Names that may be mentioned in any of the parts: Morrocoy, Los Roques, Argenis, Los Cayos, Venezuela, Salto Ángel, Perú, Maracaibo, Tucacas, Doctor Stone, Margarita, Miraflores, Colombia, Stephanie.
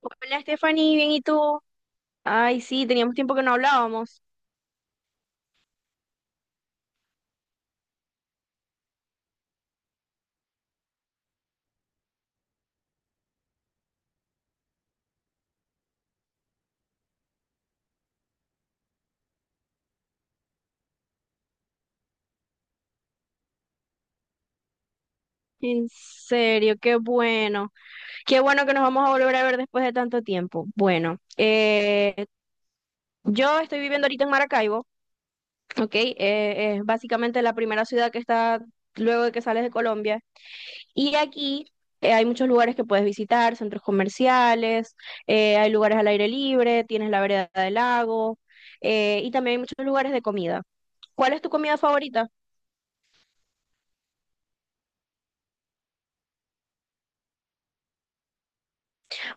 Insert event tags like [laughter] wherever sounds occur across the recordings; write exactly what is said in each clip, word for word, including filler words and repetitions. Hola, Stephanie, bien, ¿y tú? Ay, sí, teníamos tiempo que no hablábamos. En serio, qué bueno. Qué bueno que nos vamos a volver a ver después de tanto tiempo. Bueno, eh, yo estoy viviendo ahorita en Maracaibo, ¿ok? Eh, es básicamente la primera ciudad que está luego de que sales de Colombia. Y aquí eh, hay muchos lugares que puedes visitar, centros comerciales, eh, hay lugares al aire libre, tienes la vereda del lago, eh, y también hay muchos lugares de comida. ¿Cuál es tu comida favorita?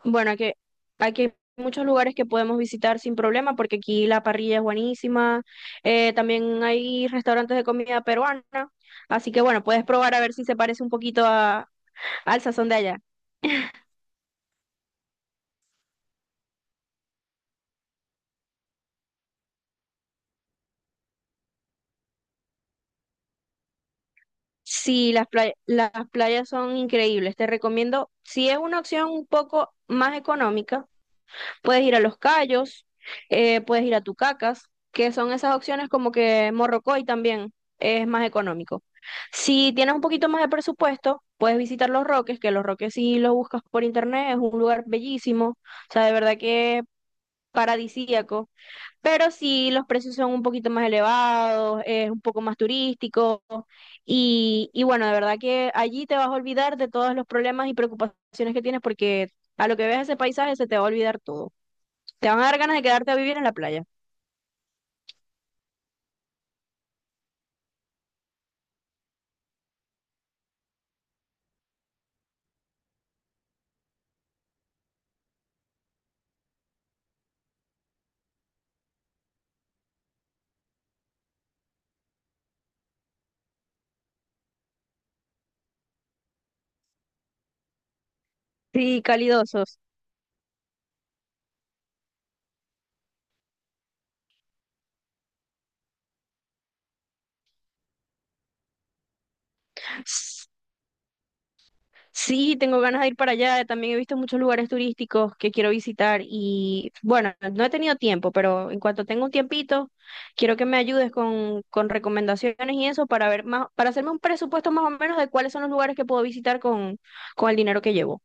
Bueno, aquí, aquí hay muchos lugares que podemos visitar sin problema porque aquí la parrilla es buenísima. Eh, también hay restaurantes de comida peruana. Así que bueno, puedes probar a ver si se parece un poquito a, al sazón de allá. Sí, las playas, las playas son increíbles. Te recomiendo, si es una opción un poco más económica, puedes ir a Los Cayos, eh, puedes ir a Tucacas, que son esas opciones como que Morrocoy también es más económico. Si tienes un poquito más de presupuesto, puedes visitar Los Roques, que Los Roques si lo buscas por internet, es un lugar bellísimo, o sea, de verdad que es paradisíaco, pero si los precios son un poquito más elevados, es un poco más turístico y, y bueno, de verdad que allí te vas a olvidar de todos los problemas y preocupaciones que tienes porque a lo que veas ese paisaje se te va a olvidar todo. Te van a dar ganas de quedarte a vivir en la playa. Sí, calidosos. S- Sí, tengo ganas de ir para allá. También he visto muchos lugares turísticos que quiero visitar y bueno, no he tenido tiempo, pero en cuanto tenga un tiempito, quiero que me ayudes con, con recomendaciones y eso para ver más, para hacerme un presupuesto más o menos de cuáles son los lugares que puedo visitar con, con el dinero que llevo.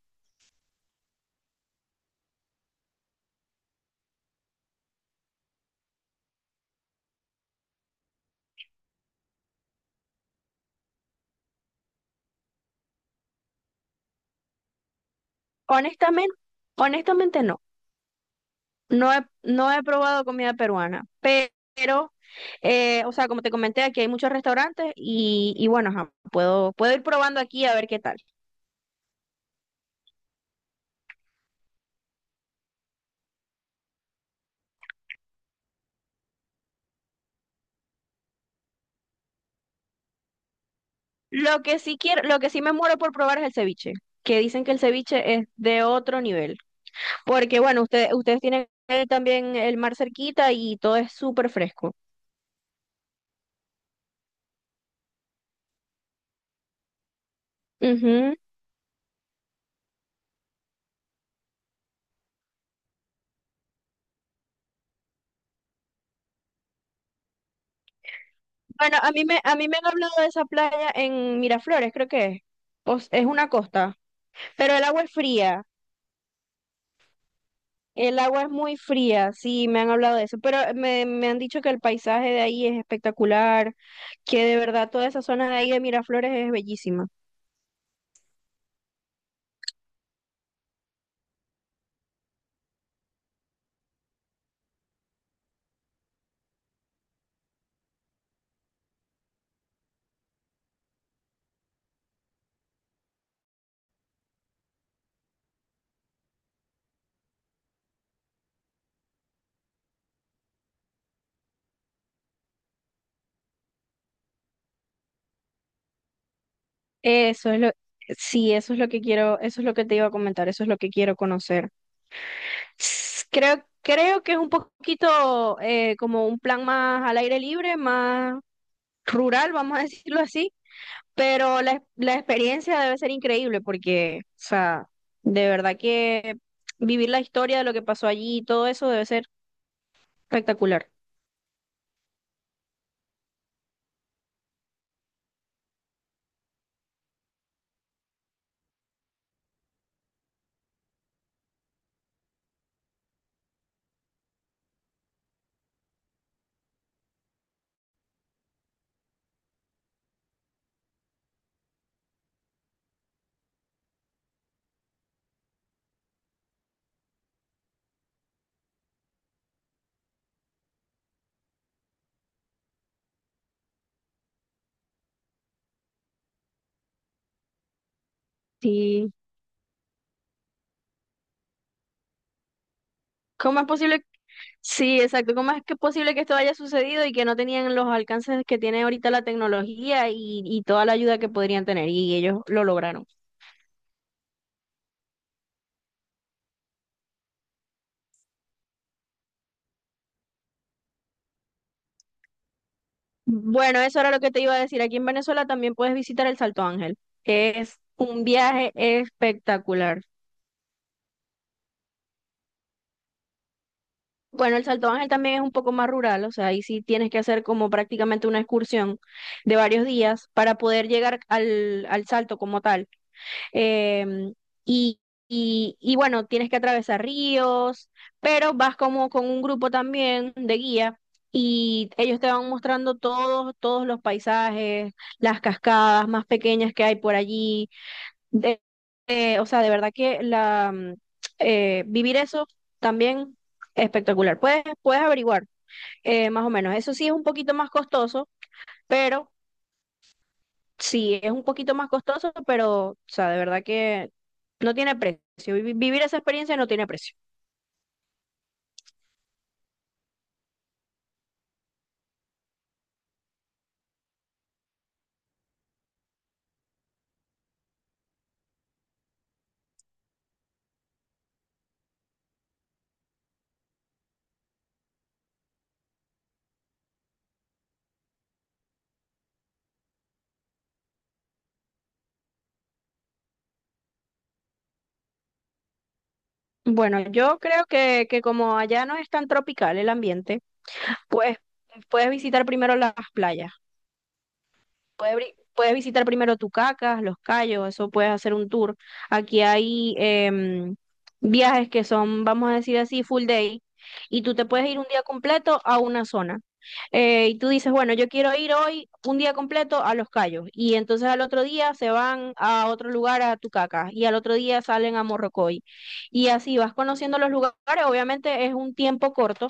Honestamente, honestamente no. No he, no he probado comida peruana, pero, eh, o sea, como te comenté, aquí hay muchos restaurantes y, y bueno, ajá, puedo, puedo ir probando aquí a ver qué tal. Lo que sí quiero, lo que sí me muero por probar es el ceviche, que dicen que el ceviche es de otro nivel, porque bueno, ustedes, ustedes tienen el- también el mar cerquita y todo es súper fresco. Ujú. Bueno, a mí me, a mí me han hablado de esa playa en Miraflores, creo que es. Pues, es una costa, pero el agua es fría. El agua es muy fría, sí, me han hablado de eso, pero me, me han dicho que el paisaje de ahí es espectacular, que de verdad toda esa zona de ahí de Miraflores es bellísima. Eso es lo, sí, eso es lo que quiero, eso es lo que te iba a comentar, eso es lo que quiero conocer. S- Creo, creo que es un poquito eh, como un plan más al aire libre, más rural, vamos a [laughs] decirlo así. Pero la, la experiencia debe ser increíble porque, o sea, de verdad que vivir la historia de lo que pasó allí y todo eso debe ser espectacular. Sí. ¿Cómo es posible? Sí, exacto. ¿Cómo es que es posible que esto haya sucedido y que no tenían los alcances que tiene ahorita la tecnología y, y toda la ayuda que podrían tener? Y ellos lo lograron. Bueno, eso era lo que te iba a decir. Aquí en Venezuela también puedes visitar el Salto Ángel, que es un viaje espectacular. Bueno, el Salto Ángel también es un poco más rural, o sea, ahí sí tienes que hacer como prácticamente una excursión de varios días para poder llegar al, al Salto como tal. Em, y, y, y bueno, tienes que atravesar ríos, pero vas como con un grupo también de guía y ellos te van mostrando todos, todos los paisajes, las cascadas más pequeñas que hay por allí de, eh, o sea, de verdad que la, mm, eh, vivir eso también es espectacular. Puedes, puedes averiguar eh, más o menos. Eso sí es un poquito más costoso, pero sí es un poquito más costoso, pero, o sea, de verdad que no tiene precio. Vivi- Vivir esa experiencia no tiene precio. Bueno, yo creo que, que como allá no es tan tropical el ambiente, pues puedes visitar primero las playas. Puedes, bri- puedes visitar primero Tucacas, Los Cayos, eso puedes hacer un tour. Aquí hay em, viajes que son, vamos a decir así, full day, y tú te puedes ir un día completo a una zona. Eh, y tú dices, bueno, yo quiero ir hoy un día completo a Los Cayos, y entonces al otro día se van a otro lugar, a Tucacas, y al otro día salen a Morrocoy. Y así vas conociendo los lugares, obviamente es un tiempo corto,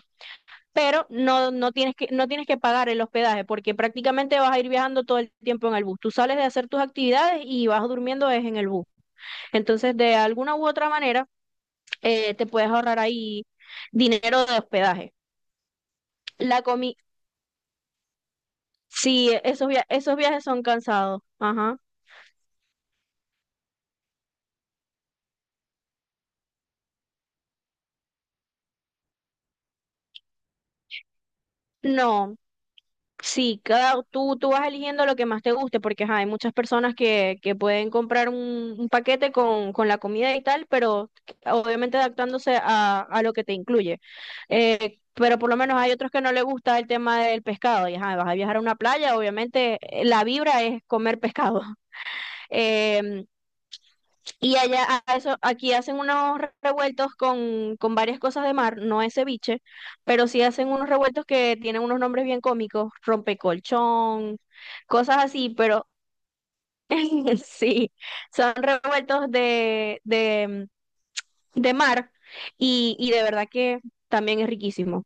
pero no, no tienes que, no tienes que pagar el hospedaje porque prácticamente vas a ir viajando todo el tiempo en el bus. Tú sales de hacer tus actividades y vas durmiendo es en el bus. Entonces, de alguna u otra manera, eh, te puedes ahorrar ahí dinero de hospedaje. La comi sí, esos, via esos viajes son cansados. Ajá. No, sí, cada, tú, tú vas eligiendo lo que más te guste, porque ajá, hay muchas personas que, que pueden comprar un, un paquete con, con la comida y tal, pero obviamente adaptándose a, a lo que te incluye. Eh, pero por lo menos hay otros que no les gusta el tema del pescado, y ajá, vas a viajar a una playa, obviamente eh, la vibra es comer pescado. [laughs] Y allá, a eso, aquí hacen unos re- revueltos con, con varias cosas de mar, no es ceviche, pero sí hacen unos revueltos que tienen unos nombres bien cómicos, rompecolchón, cosas así, pero [laughs] sí, son revueltos de, de, de mar y, y de verdad que también es riquísimo.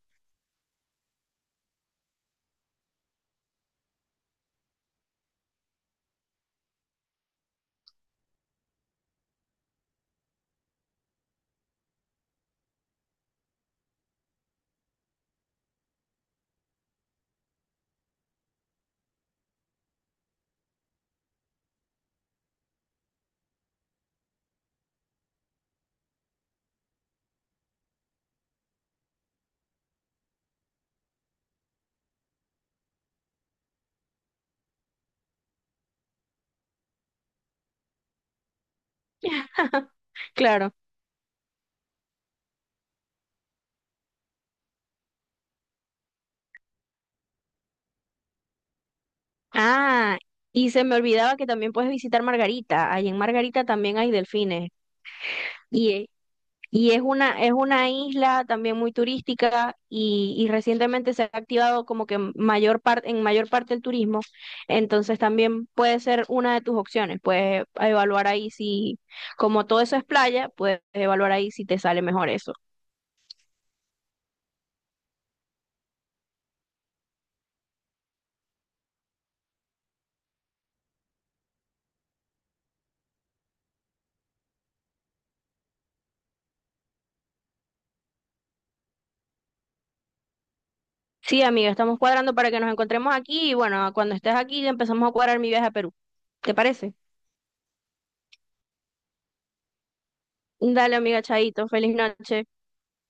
[laughs] Claro. Ah, y se me olvidaba que también puedes visitar Margarita, ahí en Margarita también hay delfines. Y Y es una, es una isla también muy turística y, y recientemente se ha activado como que mayor parte, en mayor parte el turismo. Entonces también puede ser una de tus opciones. Puedes evaluar ahí si, como todo eso es playa, puedes evaluar ahí si te sale mejor eso. Sí, amiga, estamos cuadrando para que nos encontremos aquí y bueno, cuando estés aquí empezamos a cuadrar mi viaje a Perú. ¿Te parece? Dale, amiga. Chaito, feliz noche.